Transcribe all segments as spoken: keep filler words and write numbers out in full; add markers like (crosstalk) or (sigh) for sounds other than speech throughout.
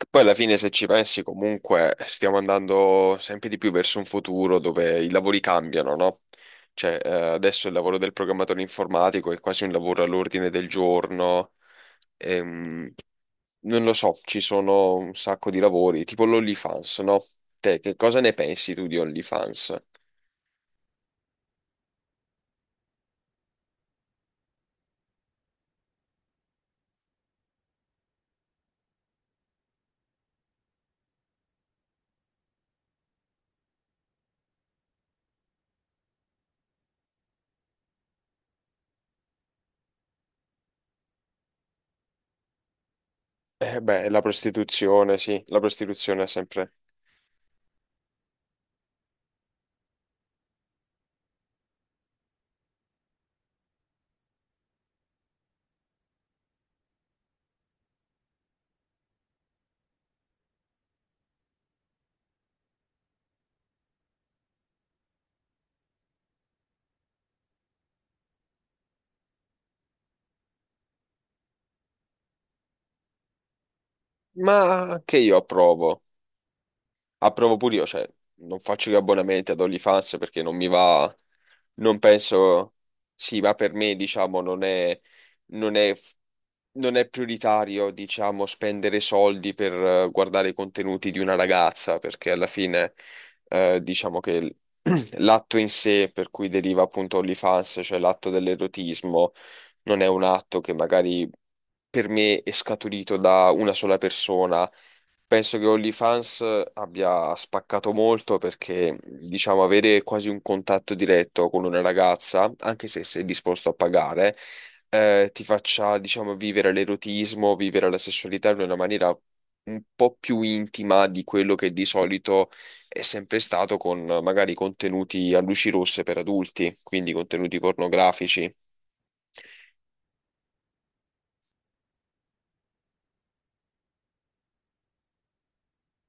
Che poi alla fine, se ci pensi, comunque stiamo andando sempre di più verso un futuro dove i lavori cambiano, no? Cioè, eh, adesso il lavoro del programmatore informatico è quasi un lavoro all'ordine del giorno. ehm, Non lo so, ci sono un sacco di lavori, tipo l'OnlyFans, no? Te, che cosa ne pensi tu di OnlyFans? Eh beh, la prostituzione, sì, la prostituzione è sempre... Ma anche io approvo. Approvo pure io, cioè, non faccio gli abbonamenti ad OnlyFans perché non mi va... Non penso, sì, ma per me, diciamo, non è, non è, non è prioritario, diciamo, spendere soldi per eh, guardare i contenuti di una ragazza, perché alla fine, eh, diciamo che il- (clears throat) l'atto in sé, per cui deriva appunto OnlyFans, cioè l'atto dell'erotismo, non è un atto che magari per me è scaturito da una sola persona. Penso che OnlyFans abbia spaccato molto perché, diciamo, avere quasi un contatto diretto con una ragazza, anche se sei disposto a pagare, eh, ti faccia, diciamo, vivere l'erotismo, vivere la sessualità in una maniera un po' più intima di quello che di solito è sempre stato con eh, magari contenuti a luci rosse per adulti, quindi contenuti pornografici.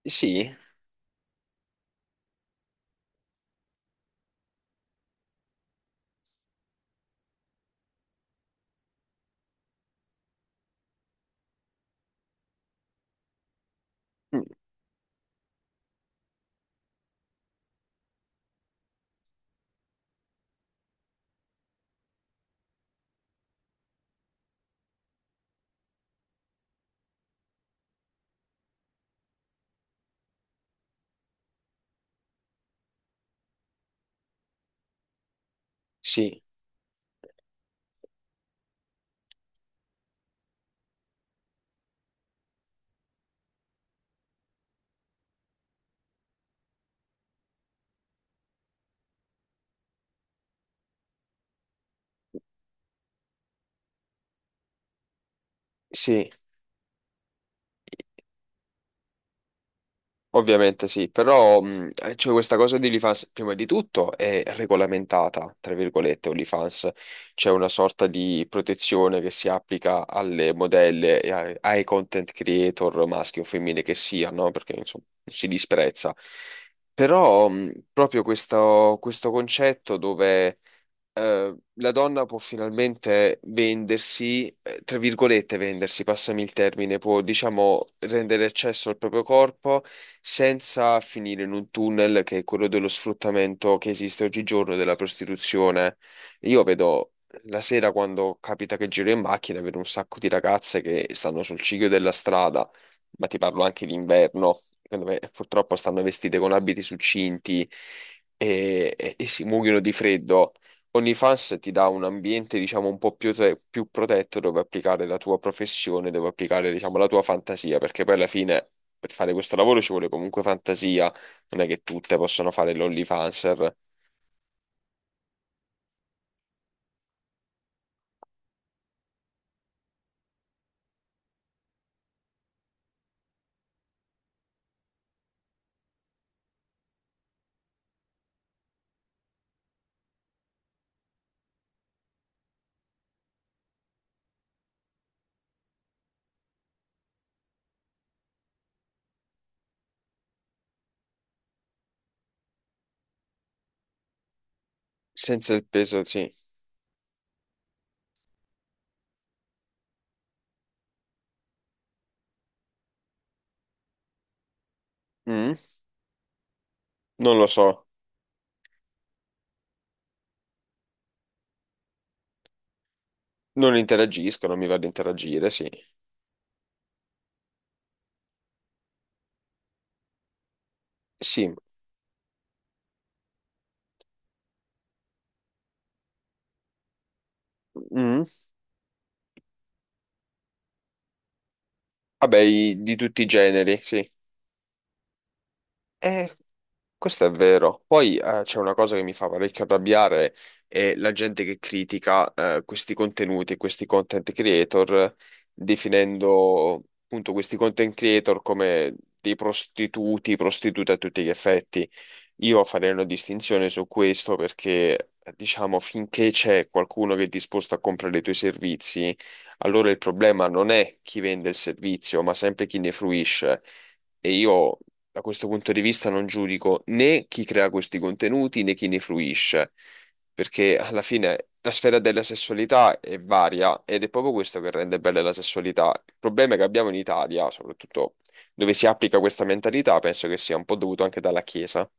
Sì, mm, sì, sì. Ovviamente sì, però mh, eh, c'è questa cosa di OnlyFans, prima di tutto è regolamentata, tra virgolette, OnlyFans, c'è una sorta di protezione che si applica alle modelle e ai, ai content creator maschi o femmine che siano, perché insomma si disprezza. Però mh, proprio questo, questo concetto dove eh, la donna può finalmente vendersi, eh, tra virgolette vendersi, passami il termine, può diciamo rendere accesso al proprio corpo senza finire in un tunnel che è quello dello sfruttamento che esiste oggigiorno della prostituzione. Io vedo la sera quando capita che giro in macchina, vedo un sacco di ragazze che stanno sul ciglio della strada, ma ti parlo anche d'inverno, dove purtroppo stanno vestite con abiti succinti e, e e si muoiono di freddo. OnlyFans ti dà un ambiente, diciamo, un po' più, te- più protetto dove applicare la tua professione, dove applicare, diciamo, la tua fantasia, perché poi alla fine per fare questo lavoro ci vuole comunque fantasia, non è che tutte possono fare l'OnlyFanser. Senza il peso, sì. Mm? Non lo so. Non interagisco, non mi va di interagire, sì. Sì. Mm? Vabbè, i- di tutti i generi, sì. Eh, questo è vero. Poi eh, c'è una cosa che mi fa parecchio arrabbiare, è la gente che critica eh, questi contenuti, questi content creator, definendo appunto questi content creator come dei prostituti, prostitute a tutti gli effetti. Io farei una distinzione su questo perché, diciamo, finché c'è qualcuno che è disposto a comprare i tuoi servizi, allora il problema non è chi vende il servizio, ma sempre chi ne fruisce. E io da questo punto di vista non giudico né chi crea questi contenuti né chi ne fruisce, perché alla fine la sfera della sessualità è varia ed è proprio questo che rende bella la sessualità. Il problema che abbiamo in Italia, soprattutto dove si applica questa mentalità, penso che sia un po' dovuto anche dalla Chiesa.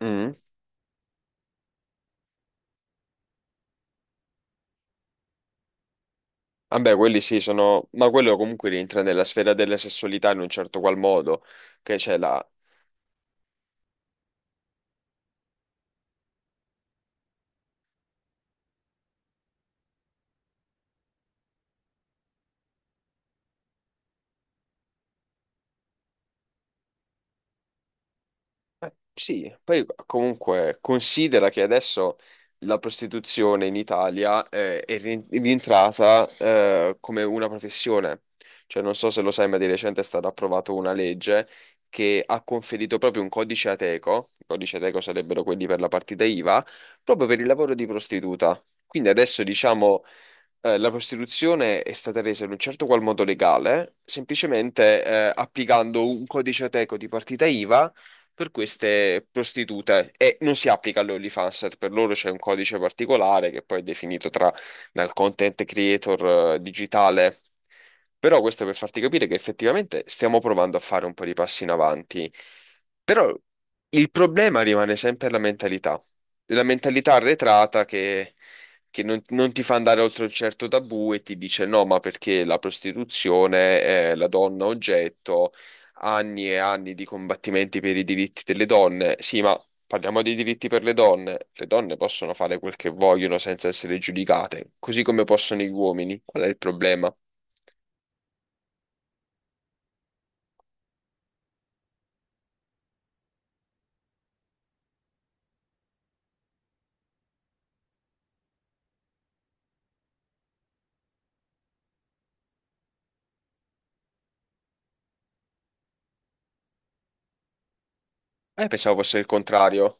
Mm. Vabbè, quelli sì sono, ma quello comunque rientra nella sfera della sessualità in un certo qual modo, che c'è la. Eh, Sì, poi comunque considera che adesso la prostituzione in Italia eh, è ri- rientrata eh, come una professione. Cioè, non so se lo sai, ma di recente è stata approvata una legge che ha conferito proprio un codice Ateco, i codici Ateco sarebbero quelli per la partita I V A, proprio per il lavoro di prostituta. Quindi adesso diciamo eh, la prostituzione è stata resa in un certo qual modo legale, semplicemente eh, applicando un codice Ateco di partita I V A per queste prostitute e non si applica all'OnlyFans, per loro c'è un codice particolare che poi è definito tra, dal content creator eh, digitale. Però questo per farti capire che effettivamente stiamo provando a fare un po' di passi in avanti. Però il problema rimane sempre la mentalità, la mentalità arretrata che, che non, non ti fa andare oltre un certo tabù e ti dice no, ma perché la prostituzione è la donna oggetto, anni e anni di combattimenti per i diritti delle donne. Sì, ma parliamo dei diritti per le donne. Le donne possono fare quel che vogliono senza essere giudicate, così come possono gli uomini. Qual è il problema? Eh, pensavo fosse il contrario.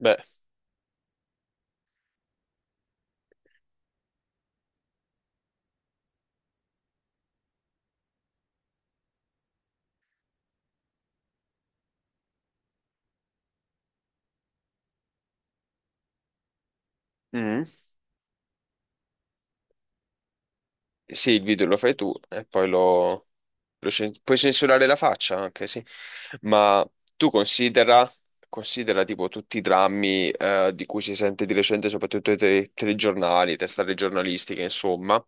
Beh. Mm. Sì, il video lo fai tu e poi lo, lo cen- puoi censurare la faccia anche, sì. Ma tu considera, considera tipo tutti i drammi eh, di cui si sente di recente, soprattutto i te- telegiornali, testate giornalistiche, insomma,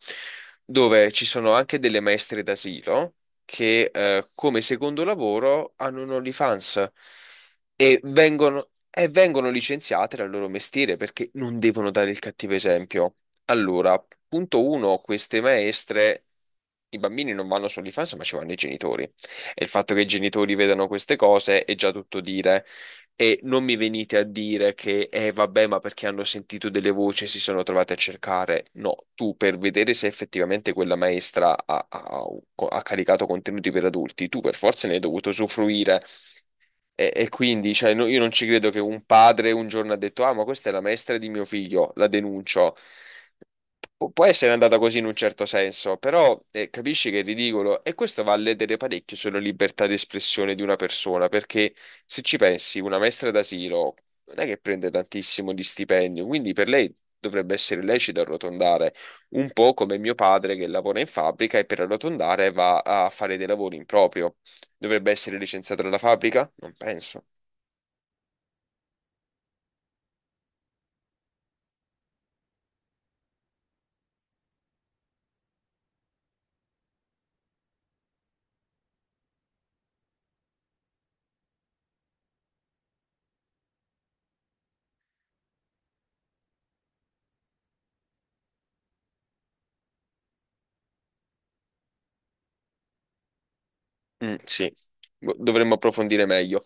dove ci sono anche delle maestre d'asilo che eh, come secondo lavoro hanno un OnlyFans e vengono, e vengono licenziate dal loro mestiere perché non devono dare il cattivo esempio. Allora, punto uno, queste maestre, i bambini non vanno sull'infanzia, ma ci vanno i genitori. E il fatto che i genitori vedano queste cose è già tutto dire. E non mi venite a dire che, eh, vabbè, ma perché hanno sentito delle voci e si sono trovate a cercare. No, tu per vedere se effettivamente quella maestra ha, ha- ha caricato contenuti per adulti, tu per forza ne hai dovuto usufruire. E, e quindi, cioè, no- io non ci credo che un padre un giorno ha detto, ah, ma questa è la maestra di mio figlio, la denuncio. Pu- Può essere andata così in un certo senso, però eh, capisci che è ridicolo e questo va a ledere parecchio sulla libertà di espressione di una persona, perché se ci pensi, una maestra d'asilo non è che prende tantissimo di stipendio, quindi per lei dovrebbe essere lecito arrotondare, un po' come mio padre che lavora in fabbrica e per arrotondare va a fare dei lavori in proprio. Dovrebbe essere licenziato dalla fabbrica? Non penso. Mm, sì, Bo- dovremmo approfondire meglio.